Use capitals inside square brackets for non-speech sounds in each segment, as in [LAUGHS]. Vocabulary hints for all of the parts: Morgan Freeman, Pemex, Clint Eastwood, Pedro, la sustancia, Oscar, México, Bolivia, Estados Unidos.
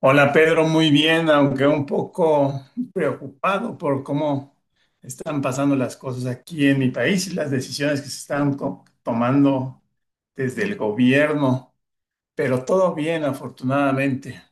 Hola Pedro, muy bien, aunque un poco preocupado por cómo están pasando las cosas aquí en mi país y las decisiones que se están tomando desde el gobierno, pero todo bien, afortunadamente.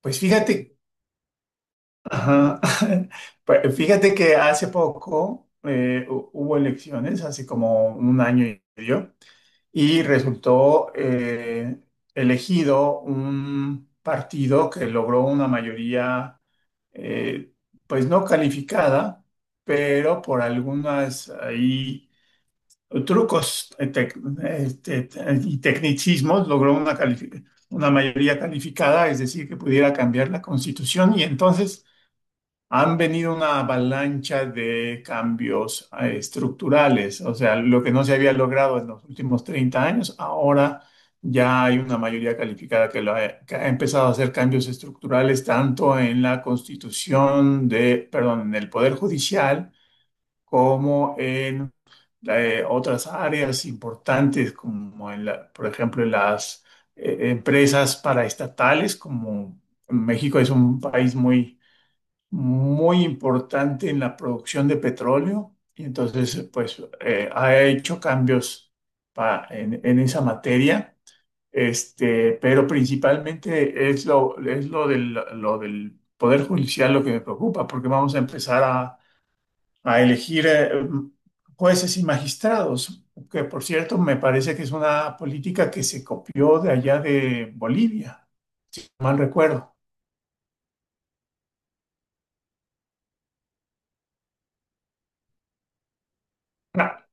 Pues fíjate, ajá, [LAUGHS] pues fíjate que hace poco hubo elecciones, hace como un año y medio, y resultó elegido un partido que logró una mayoría eh, pues no calificada, pero por algunas ahí trucos y tecnicismos logró una mayoría calificada, es decir, que pudiera cambiar la constitución y entonces han venido una avalancha de cambios estructurales, o sea, lo que no se había logrado en los últimos 30 años, ahora ya hay una mayoría calificada que, que ha empezado a hacer cambios estructurales tanto en la perdón, en el Poder Judicial como en otras áreas importantes como por ejemplo, en las empresas paraestatales, como México es un país muy importante en la producción de petróleo y entonces pues ha hecho cambios en esa materia, este, pero principalmente es lo lo del Poder Judicial lo que me preocupa, porque vamos a a elegir jueces y magistrados, que por cierto me parece que es una política que se copió de allá de Bolivia, si mal recuerdo. Ah,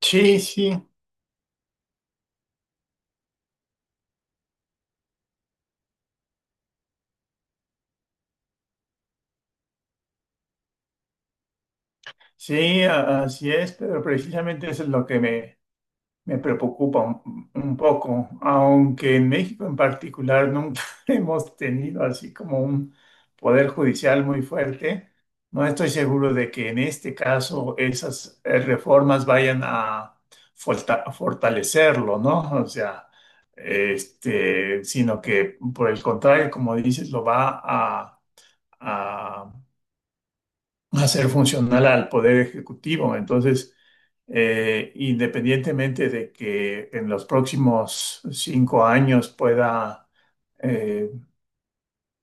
sí, sí. Sí, así es, pero precisamente eso es lo que me preocupa un poco, aunque en México en particular nunca [LAUGHS] hemos tenido así como un poder judicial muy fuerte, no estoy seguro de que en este caso esas reformas vayan a fortalecerlo, ¿no? O sea, este, sino que por el contrario, como dices, lo va a, a ser funcional al poder ejecutivo. Entonces, independientemente de que en los próximos 5 años pueda eh,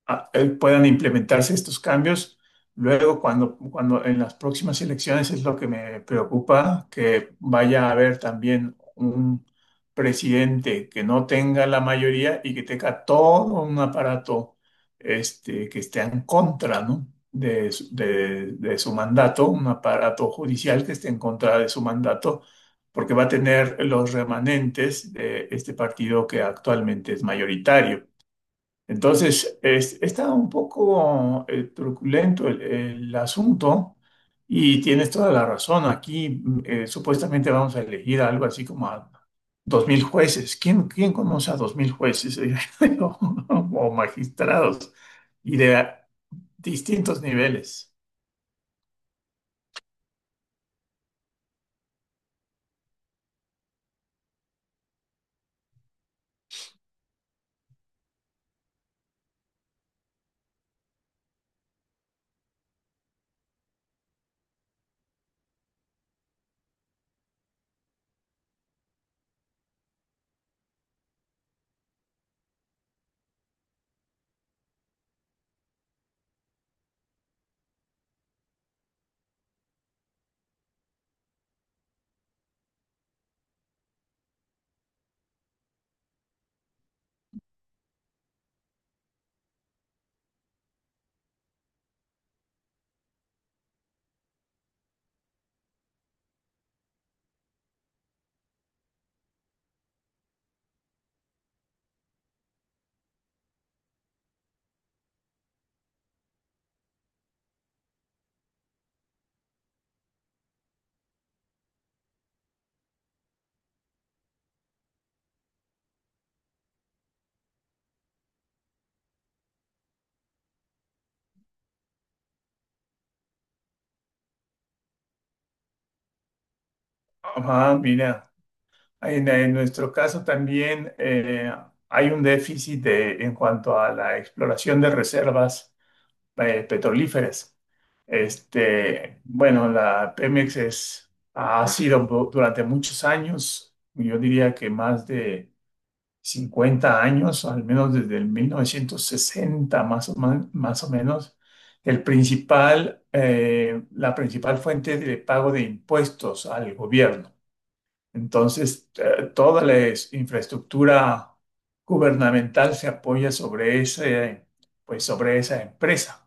puedan implementarse estos cambios. Luego, cuando en las próximas elecciones es lo que me preocupa, que vaya a haber también un presidente que no tenga la mayoría y que tenga todo un aparato este, que esté en contra, ¿no? De su mandato, un aparato judicial que esté en contra de su mandato, porque va a tener los remanentes de este partido que actualmente es mayoritario. Entonces, es, está un poco truculento el asunto y tienes toda la razón. Aquí supuestamente vamos a elegir algo así como a 2000 jueces. ¿Quién, quién conoce a 2000 jueces [LAUGHS] o, o magistrados y de distintos niveles? Ah, mira, en nuestro caso también hay un en cuanto a la exploración de reservas petrolíferas. Este, bueno, la Pemex es, ha durante muchos años, yo diría que más de 50 años, al menos desde el 1960 más o menos, el principal, la principal fuente de pago de impuestos al gobierno. Entonces, toda infraestructura gubernamental se apoya sobre ese, pues sobre esa empresa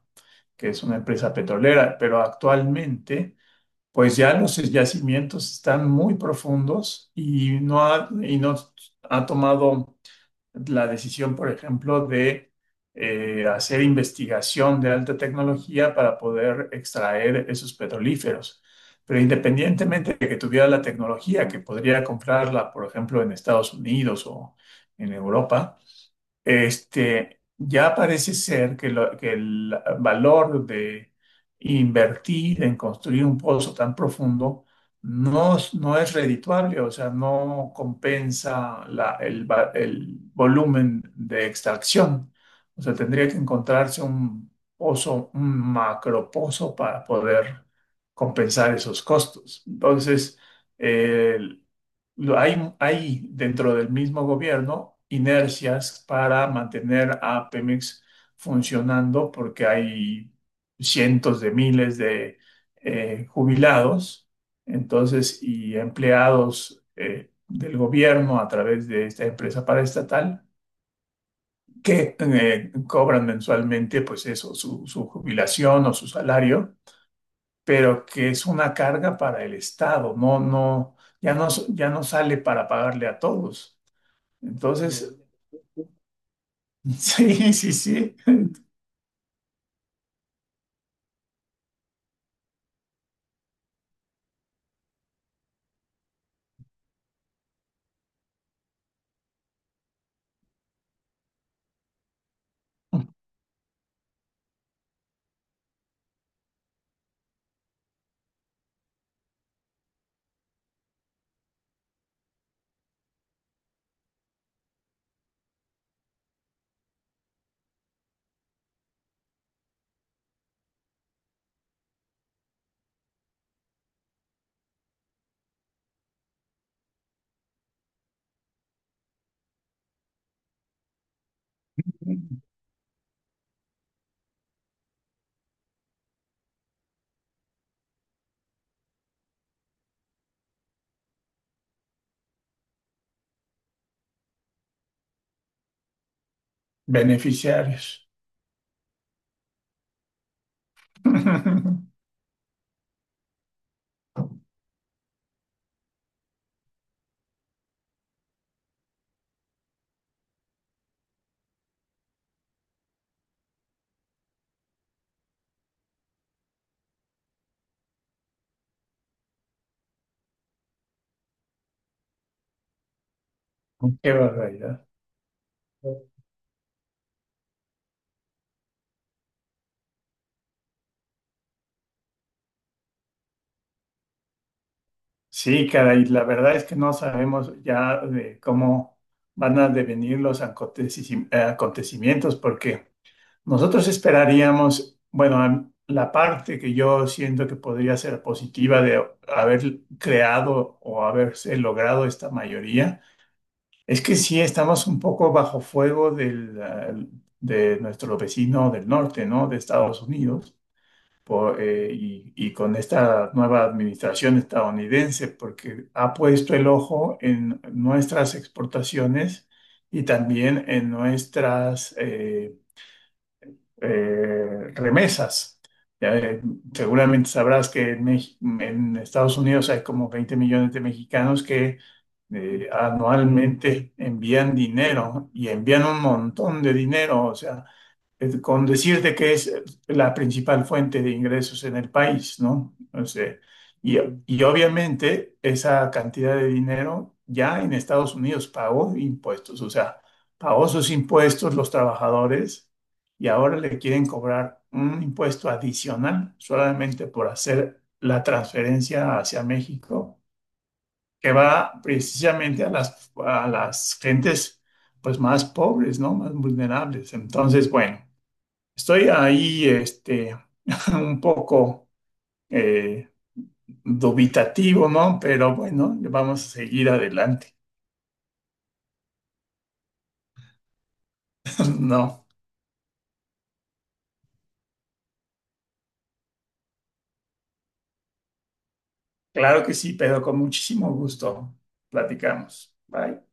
que es una empresa petrolera, pero actualmente, pues ya los yacimientos están muy profundos y no ha tomado la decisión, por ejemplo, de hacer investigación de alta tecnología para poder extraer esos petrolíferos. Pero independientemente de que tuviera la tecnología, que podría comprarla, por ejemplo, en Estados Unidos o en Europa, este, ya parece ser que, que el valor de invertir en construir un pozo tan profundo no, no es redituable, o sea, no compensa el volumen de extracción. O sea, tendría que encontrarse un pozo, un macropozo para poder compensar esos costos. Entonces, hay dentro del mismo gobierno inercias para mantener a Pemex funcionando porque hay cientos de miles de jubilados, entonces, y empleados del gobierno a través de esta empresa paraestatal que cobran mensualmente, pues eso, su jubilación o su salario, pero que es una carga para el Estado, ya no, ya no sale para pagarle a todos. Entonces, [LAUGHS] sí, sí, sí. Beneficiarios. [LAUGHS] Qué barbaridad. Sí, caray, la verdad es que no sabemos ya de cómo van a devenir los acontecimientos, porque nosotros esperaríamos, bueno, la parte que yo siento que podría ser positiva de haber creado o haberse logrado esta mayoría. Es que sí estamos un poco bajo fuego de nuestro vecino del norte, ¿no? De Estados Unidos, y con esta nueva administración estadounidense, porque ha puesto el ojo en nuestras exportaciones y también en nuestras remesas. Ya, seguramente sabrás que en Estados Unidos hay como 20 millones de mexicanos que anualmente envían dinero y envían un montón de dinero. O sea, con decirte que es la principal fuente de ingresos en el país, ¿no? O sea, y, y obviamente esa cantidad de dinero ya en Estados Unidos pagó impuestos, o sea, pagó sus impuestos los trabajadores y ahora le quieren cobrar un impuesto adicional solamente por hacer la transferencia hacia México, que va precisamente a a las gentes pues más pobres, ¿no? Más vulnerables. Entonces, bueno. Estoy ahí, este, [LAUGHS] un poco eh, dubitativo, ¿no? Pero bueno, vamos a seguir adelante. [LAUGHS] No, claro que sí, pero con muchísimo gusto. Platicamos. Bye.